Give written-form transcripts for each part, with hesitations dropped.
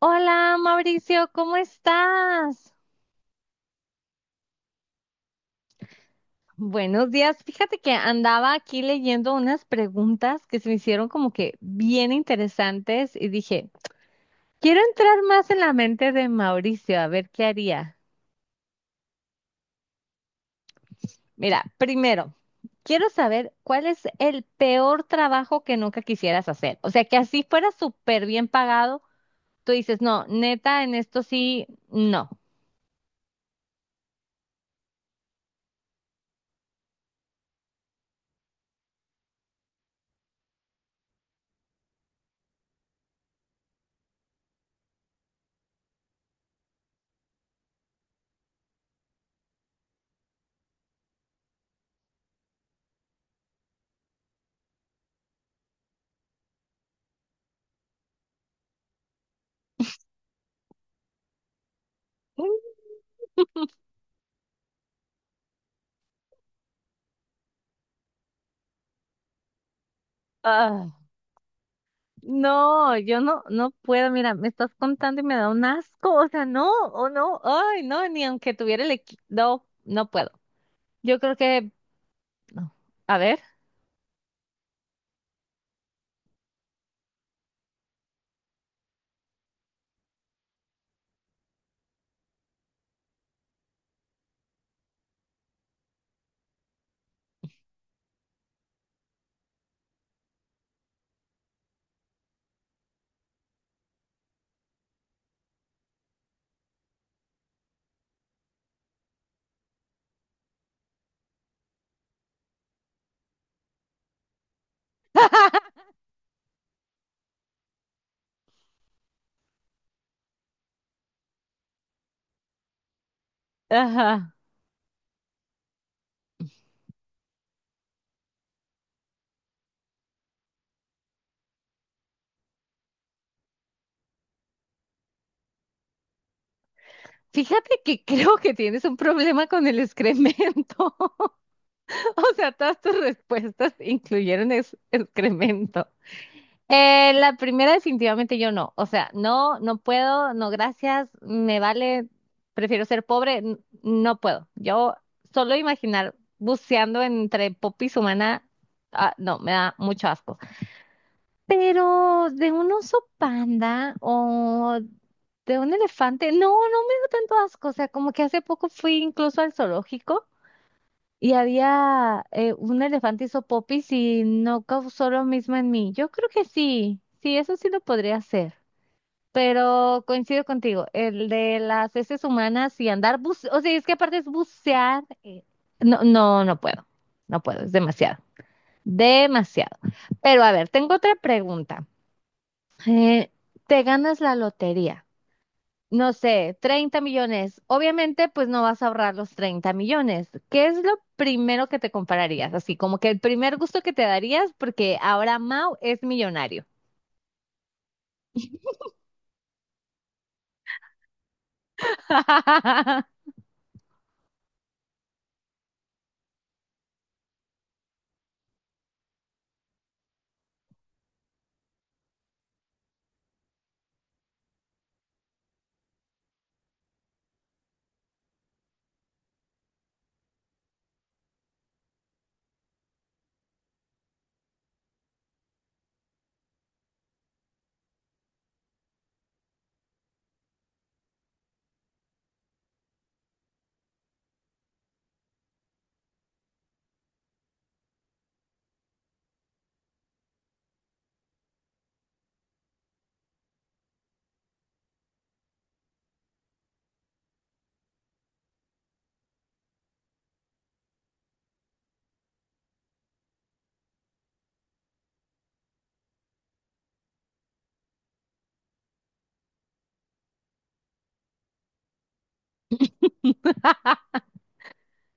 Hola, Mauricio, ¿cómo estás? Buenos días. Fíjate que andaba aquí leyendo unas preguntas que se me hicieron como que bien interesantes y dije, quiero entrar más en la mente de Mauricio, a ver qué haría. Mira, primero, quiero saber cuál es el peor trabajo que nunca quisieras hacer. O sea, que así fuera súper bien pagado, tú dices, no, neta, en esto sí, no. Ah, no, yo no, no puedo, mira, me estás contando y me da un asco, o sea, no, o no, ay, no, ni aunque tuviera el equipo, no, no puedo. Yo creo que no. A ver, ajá. Fíjate que creo que tienes un problema con el excremento. O sea, todas tus respuestas incluyeron excremento. La primera definitivamente yo no. O sea, no, no puedo, no gracias, me vale, prefiero ser pobre, no puedo. Yo solo imaginar buceando entre popis humana, ah, no, me da mucho asco. Pero de un oso panda o de un elefante, no, no me da tanto asco. O sea, como que hace poco fui incluso al zoológico. Y había un elefante hizo popis y no causó lo mismo en mí. Yo creo que sí, sí, eso sí lo podría hacer. Pero coincido contigo, el de las heces humanas y andar o sea, es que aparte es bucear. No, no, no puedo, no puedo, es demasiado, demasiado. Pero a ver, tengo otra pregunta. Eh, ¿Te ganas la lotería? No sé, 30 millones. Obviamente, pues no vas a ahorrar los 30 millones. ¿Qué es lo primero que te compararías? Así como que el primer gusto que te darías porque ahora Mau es millonario.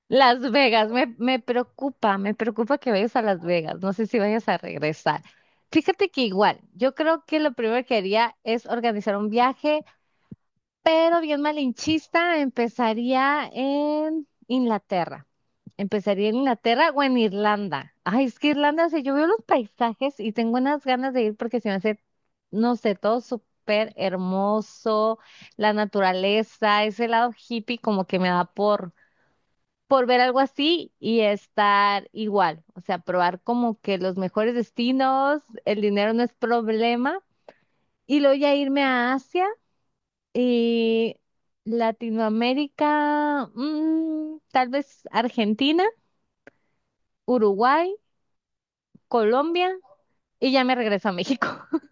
Las Vegas, me, me preocupa que vayas a Las Vegas. No sé si vayas a regresar. Fíjate que igual, yo creo que lo primero que haría es organizar un viaje pero bien malinchista, empezaría en Inglaterra. Empezaría en Inglaterra o en Irlanda. Ay, es que Irlanda, o sea, yo veo los paisajes y tengo unas ganas de ir porque se me hace, no sé, todo súper hermoso, la naturaleza, ese lado hippie como que me da por ver algo así y estar igual. O sea, probar como que los mejores destinos, el dinero no es problema. Y luego ya irme a Asia y Latinoamérica, mm, tal vez Argentina, Uruguay, Colombia y ya me regreso a México.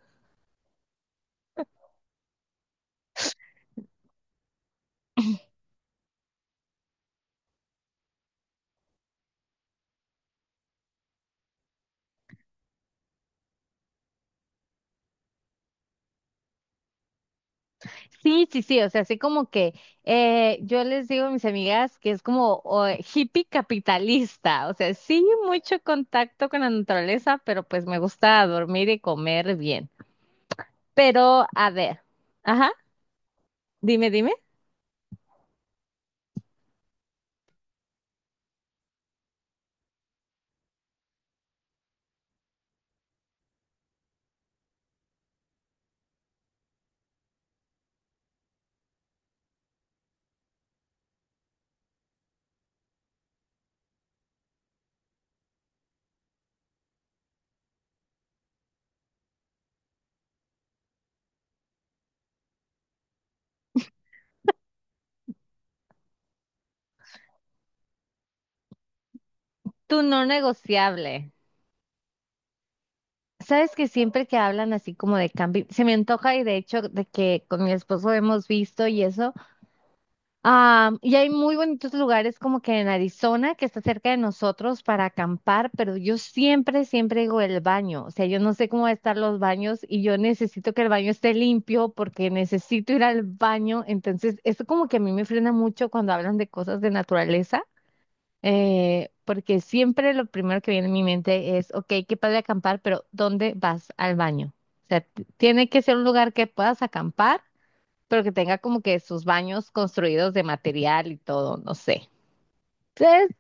Sí, sí, sí, o sea, así como que yo les digo a mis amigas que es como o, hippie capitalista, o sea, sí, mucho contacto con la naturaleza, pero pues me gusta dormir y comer bien. Pero, a ver, ajá, dime, dime, tu no negociable. Sabes que siempre que hablan así como de cambio, se me antoja y de hecho de que con mi esposo hemos visto y eso. Y hay muy bonitos lugares como que en Arizona, que está cerca de nosotros para acampar, pero yo siempre, siempre digo el baño. O sea, yo no sé cómo van a estar los baños y yo necesito que el baño esté limpio porque necesito ir al baño. Entonces, eso como que a mí me frena mucho cuando hablan de cosas de naturaleza. Porque siempre lo primero que viene a mi mente es, ok, qué padre acampar, pero ¿dónde vas al baño? O sea, tiene que ser un lugar que puedas acampar, pero que tenga como que sus baños construidos de material y todo, no sé. Entonces,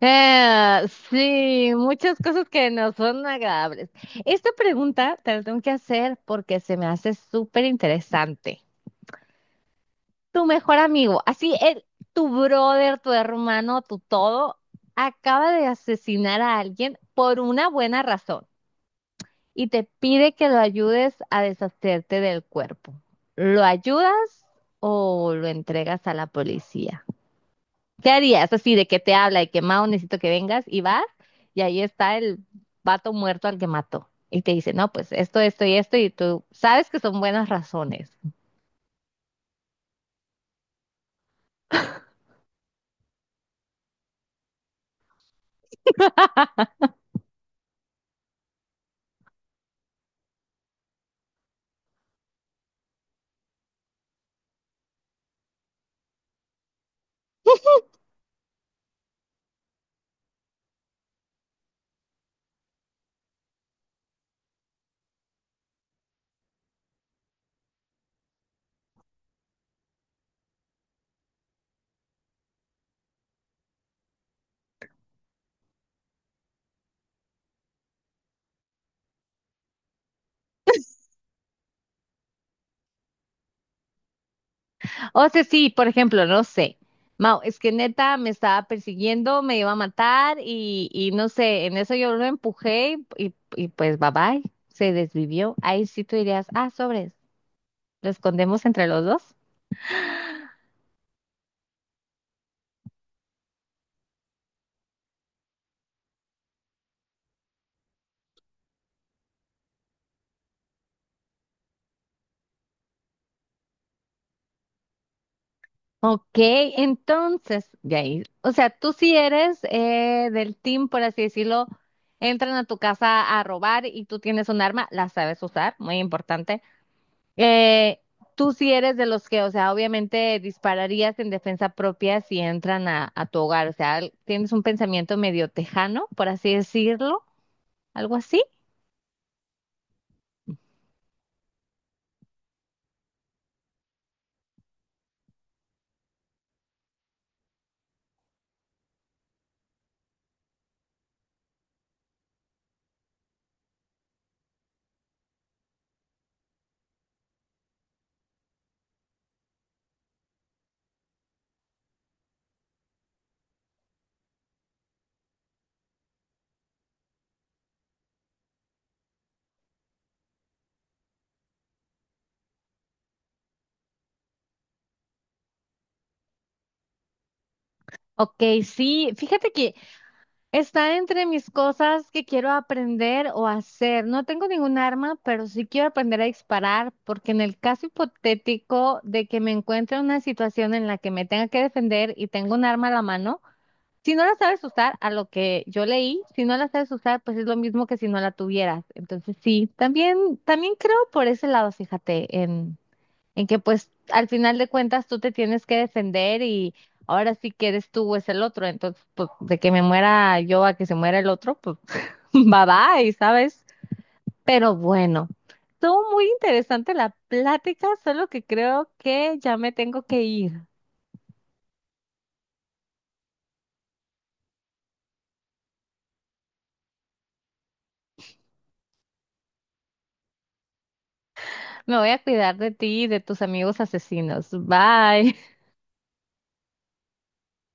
eh, sí, muchas cosas que no son agradables. Esta pregunta te la tengo que hacer porque se me hace súper interesante. Tu mejor amigo, así el, tu brother, tu hermano, tu todo, acaba de asesinar a alguien por una buena razón y te pide que lo ayudes a deshacerte del cuerpo. ¿Lo ayudas o lo entregas a la policía? ¿Qué harías? Así de que te habla y que Mao necesito que vengas y vas y ahí está el vato muerto al que mató. Y te dice, no, pues esto y esto, y tú sabes que son buenas razones. O sea, sí, por ejemplo, no sé. Mau, es que neta me estaba persiguiendo, me iba a matar y no sé, en eso yo lo empujé y pues bye bye, se desvivió. Ahí sí tú dirías, ah, sobres, lo escondemos entre los dos. Ok, entonces, de ahí, o sea, tú sí eres del team, por así decirlo, entran a tu casa a robar y tú tienes un arma, la sabes usar, muy importante. Eh, Tú sí eres de los que, o sea, obviamente dispararías en defensa propia si entran a tu hogar, o sea, tienes un pensamiento medio tejano, por así decirlo, algo así. Ok, sí, fíjate que está entre mis cosas que quiero aprender o hacer. No tengo ningún arma, pero sí quiero aprender a disparar, porque en el caso hipotético de que me encuentre en una situación en la que me tenga que defender y tengo un arma a la mano, si no la sabes usar, a lo que yo leí, si no la sabes usar, pues es lo mismo que si no la tuvieras. Entonces sí, también, también creo por ese lado, fíjate, en que pues al final de cuentas tú te tienes que defender y ahora sí que eres tú o es el otro. Entonces, pues de que me muera yo a que se muera el otro, pues bye bye, ¿sabes? Pero bueno, estuvo muy interesante la plática, solo que creo que ya me tengo que ir. Me voy a cuidar de ti y de tus amigos asesinos. Bye.